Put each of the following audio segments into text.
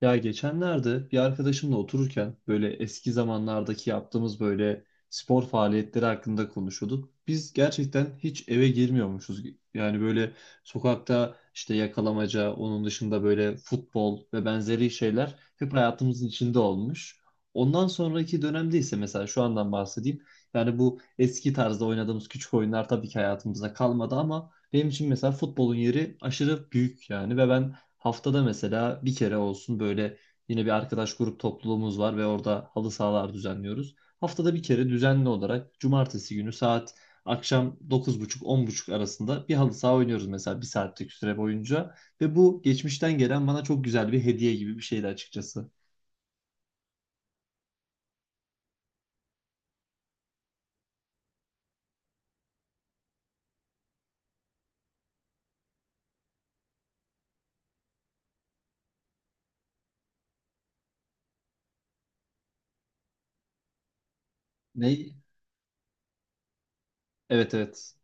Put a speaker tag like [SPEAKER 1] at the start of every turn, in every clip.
[SPEAKER 1] Ya geçenlerde bir arkadaşımla otururken böyle eski zamanlardaki yaptığımız böyle spor faaliyetleri hakkında konuşuyorduk. Biz gerçekten hiç eve girmiyormuşuz. Yani böyle sokakta işte yakalamaca, onun dışında böyle futbol ve benzeri şeyler hep hayatımızın içinde olmuş. Ondan sonraki dönemde ise mesela şu andan bahsedeyim. Yani bu eski tarzda oynadığımız küçük oyunlar tabii ki hayatımıza kalmadı, ama benim için mesela futbolun yeri aşırı büyük yani. Ve ben... Haftada mesela bir kere olsun, böyle yine bir arkadaş grup topluluğumuz var ve orada halı sahalar düzenliyoruz. Haftada bir kere düzenli olarak cumartesi günü saat akşam 21.30-22.30 arasında bir halı saha oynuyoruz mesela, bir saatlik süre boyunca. Ve bu geçmişten gelen bana çok güzel bir hediye gibi bir şeydi açıkçası. Ne? Evet, evet.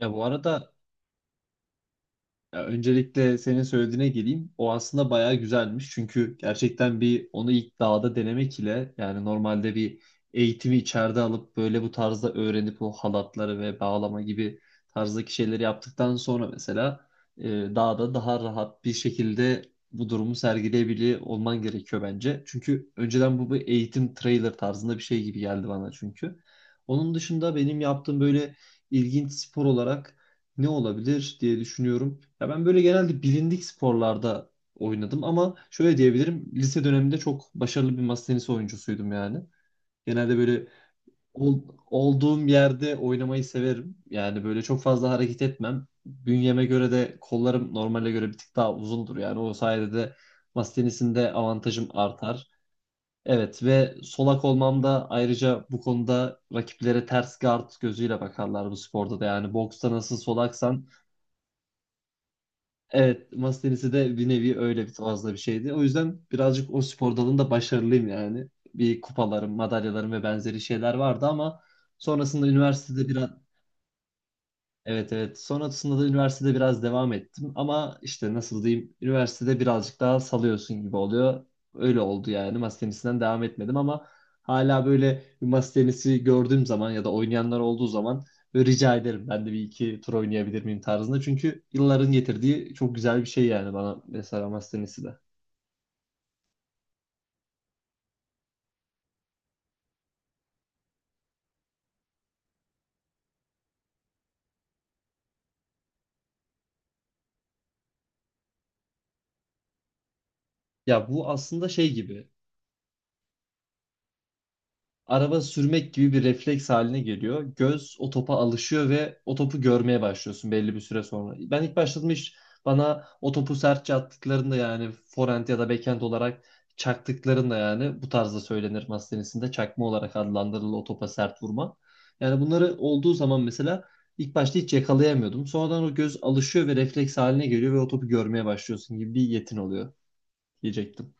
[SPEAKER 1] Ya, bu arada... Ya, öncelikle senin söylediğine geleyim. O aslında bayağı güzelmiş. Çünkü gerçekten bir onu ilk dağda denemek ile, yani normalde bir eğitimi içeride alıp böyle bu tarzda öğrenip o halatları ve bağlama gibi tarzdaki şeyleri yaptıktan sonra mesela dağda daha rahat bir şekilde bu durumu sergileyebiliyor olman gerekiyor bence. Çünkü önceden bu bir eğitim trailer tarzında bir şey gibi geldi bana çünkü. Onun dışında benim yaptığım böyle ilginç spor olarak ne olabilir diye düşünüyorum. Ya ben böyle genelde bilindik sporlarda oynadım, ama şöyle diyebilirim. Lise döneminde çok başarılı bir masa tenisi oyuncusuydum yani. Genelde böyle ol- olduğum yerde oynamayı severim. Yani böyle çok fazla hareket etmem. Bünyeme göre de kollarım normale göre bir tık daha uzundur. Yani o sayede de masa tenisinde avantajım artar. Evet, ve solak olmam da ayrıca bu konuda rakiplere ters guard gözüyle bakarlar bu sporda da. Yani boksta nasıl solaksan... Evet, masa tenisi de bir nevi öyle bir fazla bir şeydi. O yüzden birazcık o spor dalında başarılıyım yani. Bir kupalarım, madalyalarım ve benzeri şeyler vardı, ama sonrasında üniversitede biraz... Evet, evet. Sonrasında da üniversitede biraz devam ettim, ama işte nasıl diyeyim, üniversitede birazcık daha salıyorsun gibi oluyor. Öyle oldu yani. Masa tenisinden devam etmedim, ama hala böyle bir masa tenisi gördüğüm zaman ya da oynayanlar olduğu zaman böyle rica ederim, ben de bir iki tur oynayabilir miyim tarzında. Çünkü yılların getirdiği çok güzel bir şey yani bana mesela masa tenisi de. Ya bu aslında şey gibi, araba sürmek gibi bir refleks haline geliyor. Göz o topa alışıyor ve o topu görmeye başlıyorsun belli bir süre sonra. Ben ilk başladığım iş, bana o topu sertçe attıklarında, yani forehand ya da backhand olarak çaktıklarında, yani bu tarzda söylenir masa tenisinde, çakma olarak adlandırılır o topa sert vurma. Yani bunları olduğu zaman mesela ilk başta hiç yakalayamıyordum. Sonradan o göz alışıyor ve refleks haline geliyor ve o topu görmeye başlıyorsun, gibi bir yetin oluyor diyecektim.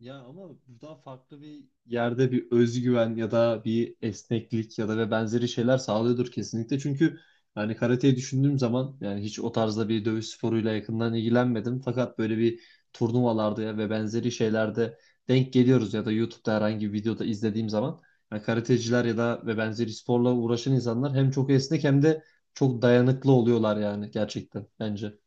[SPEAKER 1] Ya ama burada farklı bir yerde bir özgüven ya da bir esneklik ya da ve benzeri şeyler sağlıyordur kesinlikle. Çünkü yani karateyi düşündüğüm zaman, yani hiç o tarzda bir dövüş sporuyla yakından ilgilenmedim. Fakat böyle bir turnuvalarda ya ve benzeri şeylerde denk geliyoruz ya da YouTube'da herhangi bir videoda izlediğim zaman, yani karateciler ya da ve benzeri sporla uğraşan insanlar hem çok esnek hem de çok dayanıklı oluyorlar yani, gerçekten bence.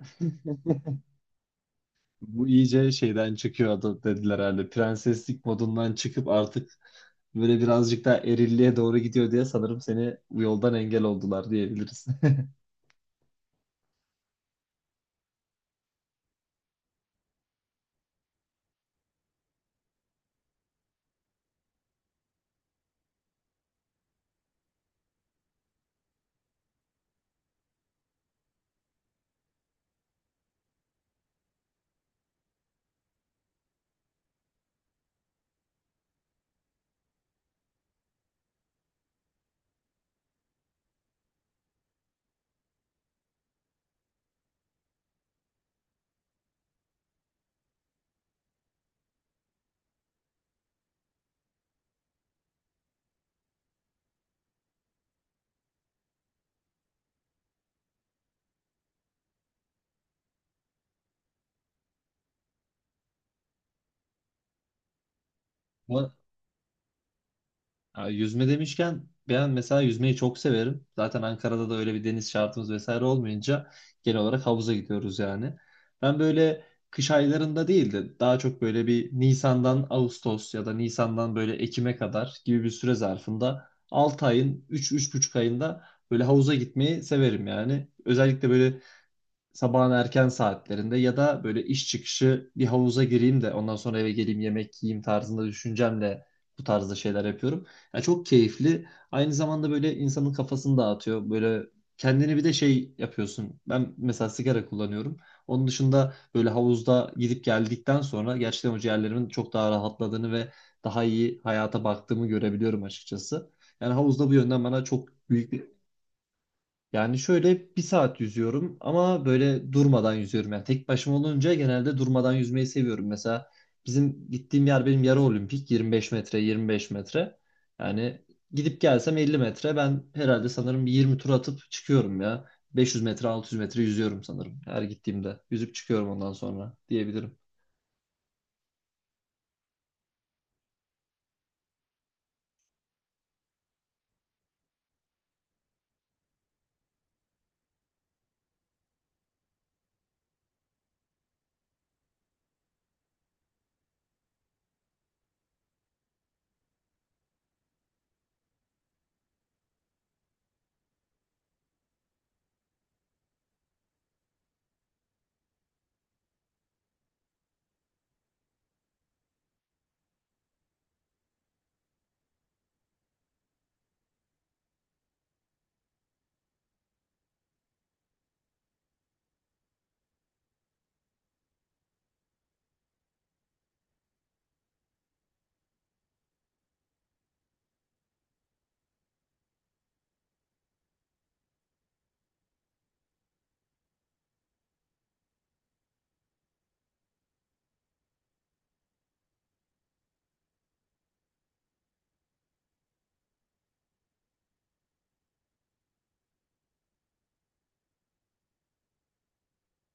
[SPEAKER 1] Bu iyice şeyden çıkıyor adı dediler herhalde. Prenseslik modundan çıkıp artık böyle birazcık daha erilliğe doğru gidiyor diye sanırım seni bu yoldan engel oldular diyebiliriz. Bu Ya, yüzme demişken, ben mesela yüzmeyi çok severim. Zaten Ankara'da da öyle bir deniz şartımız vesaire olmayınca genel olarak havuza gidiyoruz yani. Ben böyle kış aylarında değil de daha çok böyle bir Nisan'dan Ağustos ya da Nisan'dan böyle Ekim'e kadar gibi bir süre zarfında 6 ayın 3-3,5 ayında böyle havuza gitmeyi severim yani. Özellikle böyle sabahın erken saatlerinde ya da böyle iş çıkışı bir havuza gireyim de ondan sonra eve geleyim, yemek yiyeyim tarzında düşüncemle bu tarzda şeyler yapıyorum. Yani çok keyifli. Aynı zamanda böyle insanın kafasını dağıtıyor. Böyle kendini bir de şey yapıyorsun. Ben mesela sigara kullanıyorum. Onun dışında böyle havuzda gidip geldikten sonra gerçekten o ciğerlerimin çok daha rahatladığını ve daha iyi hayata baktığımı görebiliyorum açıkçası. Yani havuzda bu yönden bana çok büyük bir... Yani şöyle bir saat yüzüyorum, ama böyle durmadan yüzüyorum. Yani tek başıma olunca genelde durmadan yüzmeyi seviyorum. Mesela bizim gittiğim yer benim yarı olimpik, 25 metre, 25 metre. Yani gidip gelsem 50 metre, ben herhalde sanırım bir 20 tur atıp çıkıyorum ya. 500 metre, 600 metre yüzüyorum sanırım her gittiğimde. Yüzüp çıkıyorum ondan sonra diyebilirim.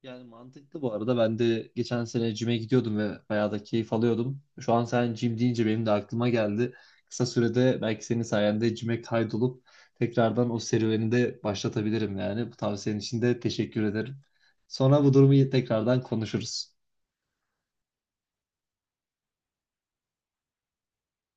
[SPEAKER 1] Yani mantıklı bu arada. Ben de geçen sene cime gidiyordum ve bayağı da keyif alıyordum. Şu an sen cim deyince benim de aklıma geldi. Kısa sürede belki senin sayende cime kaydolup tekrardan o serüveni de başlatabilirim yani. Bu tavsiyenin için de teşekkür ederim. Sonra bu durumu tekrardan konuşuruz.